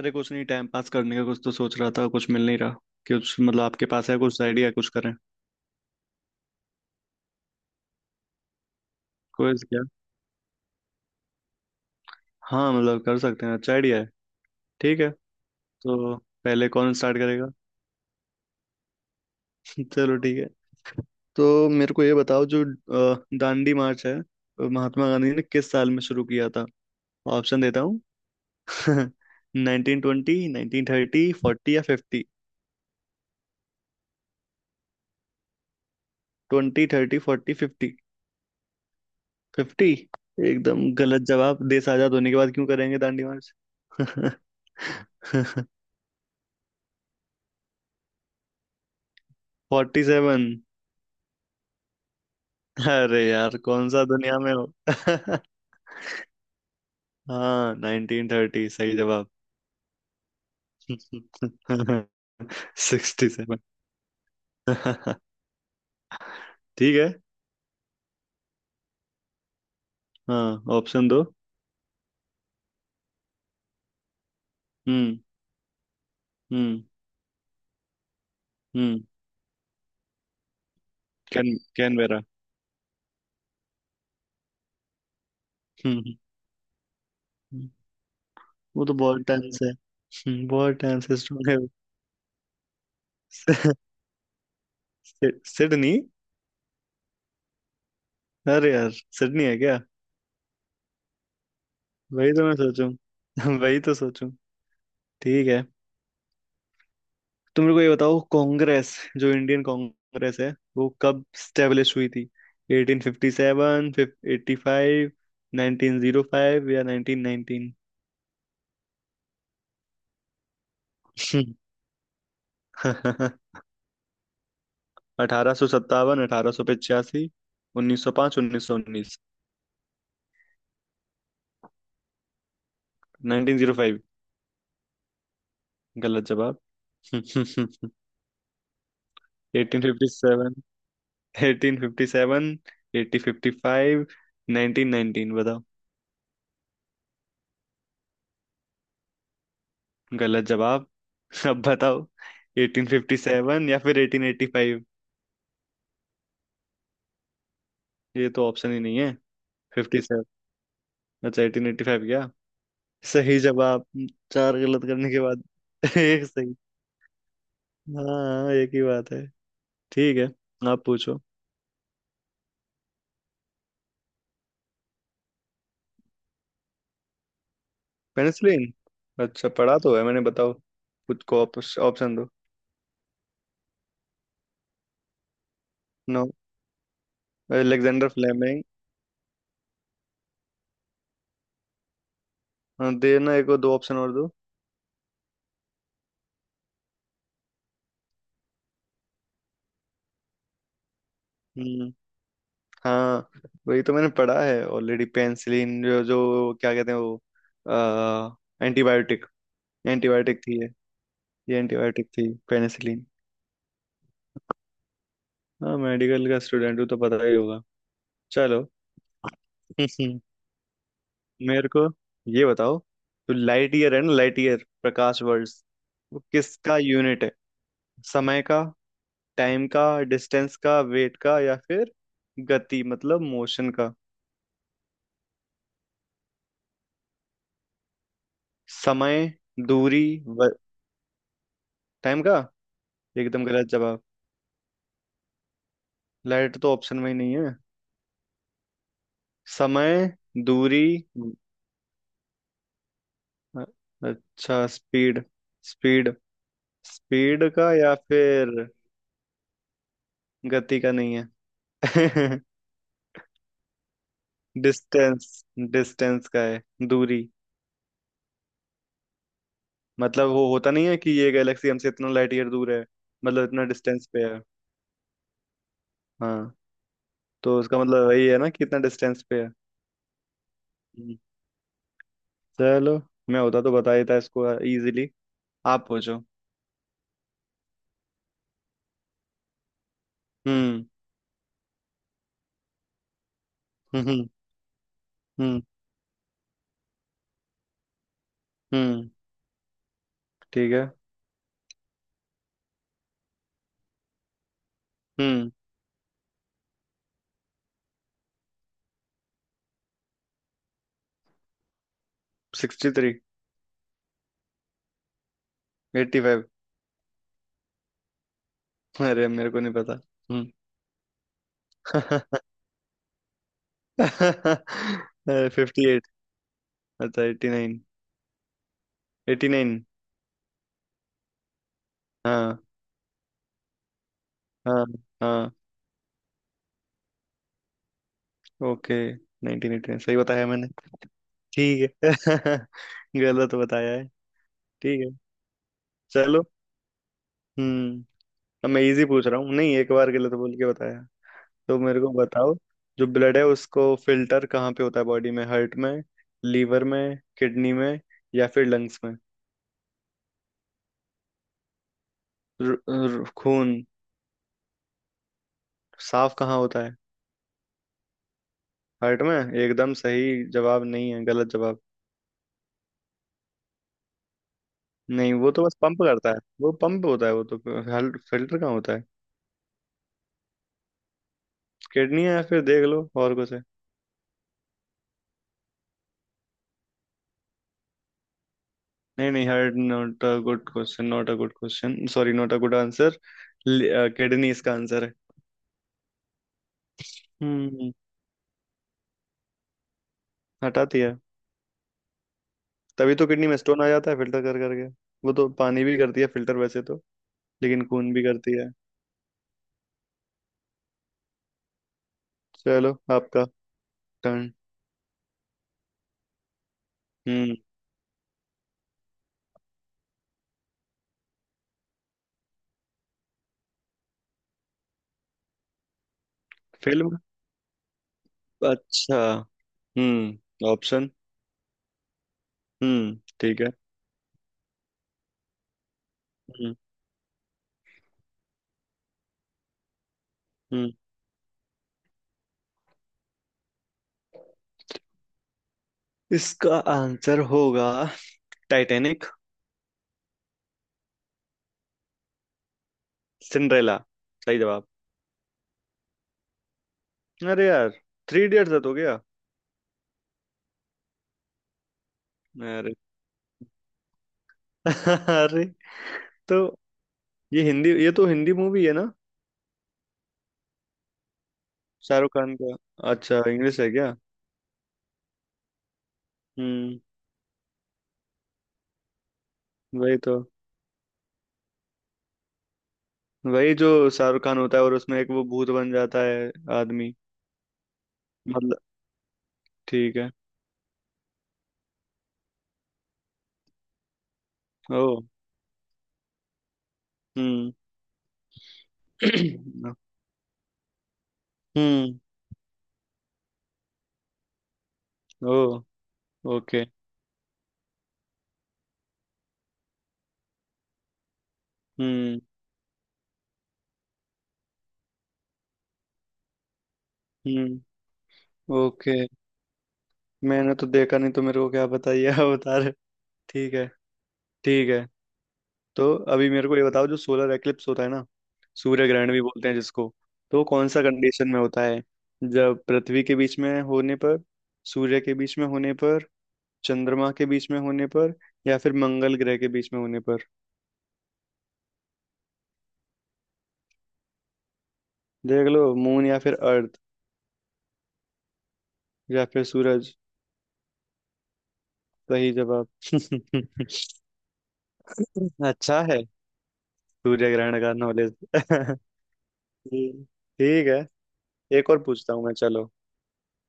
अरे कुछ नहीं, टाइम पास करने का कुछ तो सोच रहा था, कुछ मिल नहीं रहा। कुछ मतलब आपके पास है कुछ आइडिया, कुछ करें? क्विज क्या? हाँ मतलब कर सकते हैं, अच्छा आइडिया है। ठीक है। तो पहले कौन स्टार्ट करेगा? चलो ठीक है। तो मेरे को ये बताओ, जो दांडी मार्च है, महात्मा गांधी ने किस साल में शुरू किया था? ऑप्शन देता हूँ। Nineteen twenty, nineteen thirty, forty या fifty. Twenty, thirty, forty, fifty. Fifty? एकदम गलत जवाब। देश आजाद होने के बाद क्यों करेंगे दांडी मार्च? Forty seven? अरे यार, कौन सा दुनिया में हो? हाँ नाइनटीन थर्टी, सही जवाब। Sixty seven. ठीक है। हाँ ऑप्शन दो। हम्म। हम्म। हम्म। कैनबेरा। हम्म। हम्म, वो तो बहुत टाइम से। बहुत टाइम से स्ट्रॉन्ग है। सि- सि- सिडनी? अरे यार, सिडनी है क्या? वही तो मैं सोचूं, वही तो सोचूं। ठीक है। तो मेरे को ये बताओ, कांग्रेस, जो इंडियन कांग्रेस है, वो कब स्टेब्लिश हुई थी? 1857, 85, 1905 या 1919? अठारह सौ सत्तावन, अठारह सौ पचासी, उन्नीस सौ पांच, उन्नीस सौ उन्नीस। Nineteen zero five? गलत जवाब। Eighteen fifty seven? Eighteen fifty seven, eighty fifty five, nineteen nineteen बताओ। गलत जवाब। अब बताओ, एटीन फिफ्टी सेवन या फिर एटीन एटी फाइव? ये तो ऑप्शन ही नहीं है। Fifty seven? अच्छा एटीन एटी फाइव क्या? सही जवाब, चार गलत करने के बाद। एक सही। हाँ एक ही बात है। ठीक है। आप पूछो। पेनिसिलिन। अच्छा पढ़ा तो है मैंने, बताओ, खुद को ऑप्शन दो। No, Alexander Fleming. देना, एक और दो ऑप्शन और दो। हम्म। हाँ। वही तो मैंने पढ़ा है ऑलरेडी, पेनिसिलिन, जो जो क्या कहते हैं वो, एंटीबायोटिक। एंटीबायोटिक थी ये। ये एंटीबायोटिक थी पेनिसिलिन। हाँ मेडिकल का स्टूडेंट हूँ तो पता ही होगा। चलो। मेरे को ये बताओ, तो लाइट ईयर है ना, लाइट ईयर, प्रकाश वर्ष, वो किसका यूनिट है? समय का, टाइम का, डिस्टेंस का, वेट का, या फिर गति मतलब मोशन का? समय, दूरी, टाइम का? एकदम गलत जवाब। लाइट तो ऑप्शन में ही नहीं है। समय, दूरी, अ- अच्छा स्पीड। स्पीड। स्पीड का या फिर गति का? नहीं है। डिस्टेंस, डिस्टेंस का है, दूरी। मतलब वो होता नहीं है कि ये गैलेक्सी हमसे इतना लाइट ईयर दूर है, मतलब इतना डिस्टेंस पे है। हाँ तो उसका मतलब वही है ना, कि इतना डिस्टेंस पे है। हम्म। चलो, मैं होता तो बता देता इसको इजीली। आप पूछो। हम्म। हम्म। हम्म। हम्म। हम्म, ठीक है। हम्म। Sixty three? Eighty five? अरे मेरे को नहीं पता। हम्म। Fifty eight? अच्छा एट्टी नाइन। Eighty nine. हाँ। हाँ। हाँ ओके, 1989 सही बताया मैंने। ठीक है गलत बताया है। ठीक है। चलो। हम्म। अब मैं इजी पूछ रहा हूँ। नहीं, एक बार गलत बोल के बताया। तो मेरे को बताओ, जो ब्लड है उसको फिल्टर कहाँ पे होता है बॉडी में? हार्ट में, लीवर में, किडनी में, या फिर लंग्स में? र, र, खून साफ कहाँ होता है? हार्ट में? एकदम सही जवाब नहीं है, गलत जवाब। नहीं वो तो बस पंप करता है, वो पंप होता है वो तो। फिल्टर कहाँ होता है? किडनी है, या फिर देख लो और कुछ है। नहीं नहीं, heard not a good question, not a good question, sorry, not a good answer. Kidney इसका आंसर है। हम्म। हटा दिया। तभी तो किडनी में स्टोन आ जाता है, फिल्टर कर करके। वो तो पानी भी करती है फिल्टर वैसे तो, लेकिन खून भी करती है। चलो आपका टर्न। हम्म। फिल्म? अच्छा। ऑप्शन। ठीक है। हम्म। हम्म। इसका आंसर होगा टाइटैनिक। सिंड्रेला? सही जवाब। अरे यार, थ्री इडियट्स है तो क्या? अरे अरे, तो ये तो हिंदी मूवी है ना, शाहरुख खान का? अच्छा इंग्लिश है क्या? हम्म। वही तो वही जो शाहरुख खान होता है और उसमें एक वो भूत बन जाता है आदमी। मतलब ठीक है। ओ। हम्म। हम्म। ओ। ओके। हम्म। हम्म। ओके। मैंने तो देखा नहीं तो मेरे को क्या बताइए, आप बता रहे। ठीक है। ठीक है। तो अभी मेरे को ये बताओ, जो सोलर एक्लिप्स होता है ना, सूर्य ग्रहण भी बोलते हैं जिसको, तो वो कौन सा कंडीशन में होता है? जब पृथ्वी के बीच में होने पर, सूर्य के बीच में होने पर, चंद्रमा के बीच में होने पर, या फिर मंगल ग्रह के बीच में होने पर? देख लो, मून या फिर अर्थ या फिर सूरज। सही जवाब। अच्छा है सूर्य ग्रहण का नॉलेज। ठीक है। एक और पूछता हूँ मैं, चलो।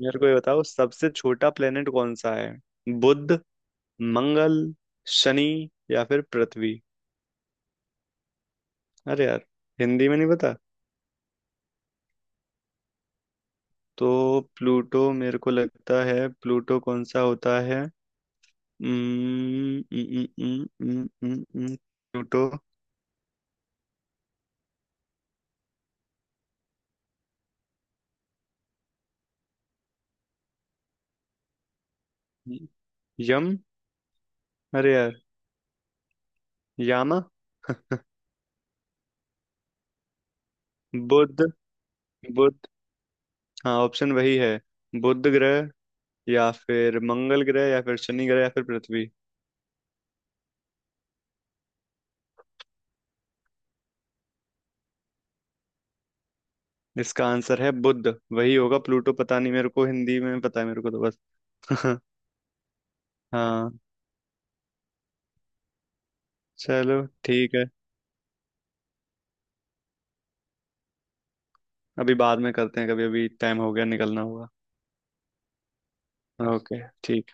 मेरे को ये बताओ, सबसे छोटा प्लेनेट कौन सा है? बुध, मंगल, शनि या फिर पृथ्वी? अरे यार, हिंदी में नहीं पता। तो प्लूटो मेरे को लगता है, प्लूटो कौन सा होता है? उम्म, उम्म, उम्म, उम्म, उम्म, उम्म, प्लूटो। यम? अरे यार, यामा। बुध। बुध। हाँ ऑप्शन वही है, बुध ग्रह, या फिर मंगल ग्रह, या फिर शनि ग्रह, या फिर पृथ्वी। इसका आंसर है बुध। वही होगा प्लूटो, पता नहीं, मेरे को हिंदी में पता है मेरे को, तो बस। हाँ। चलो ठीक है। अभी बाद में करते हैं कभी, अभी टाइम हो गया, निकलना होगा। ओके ठीक।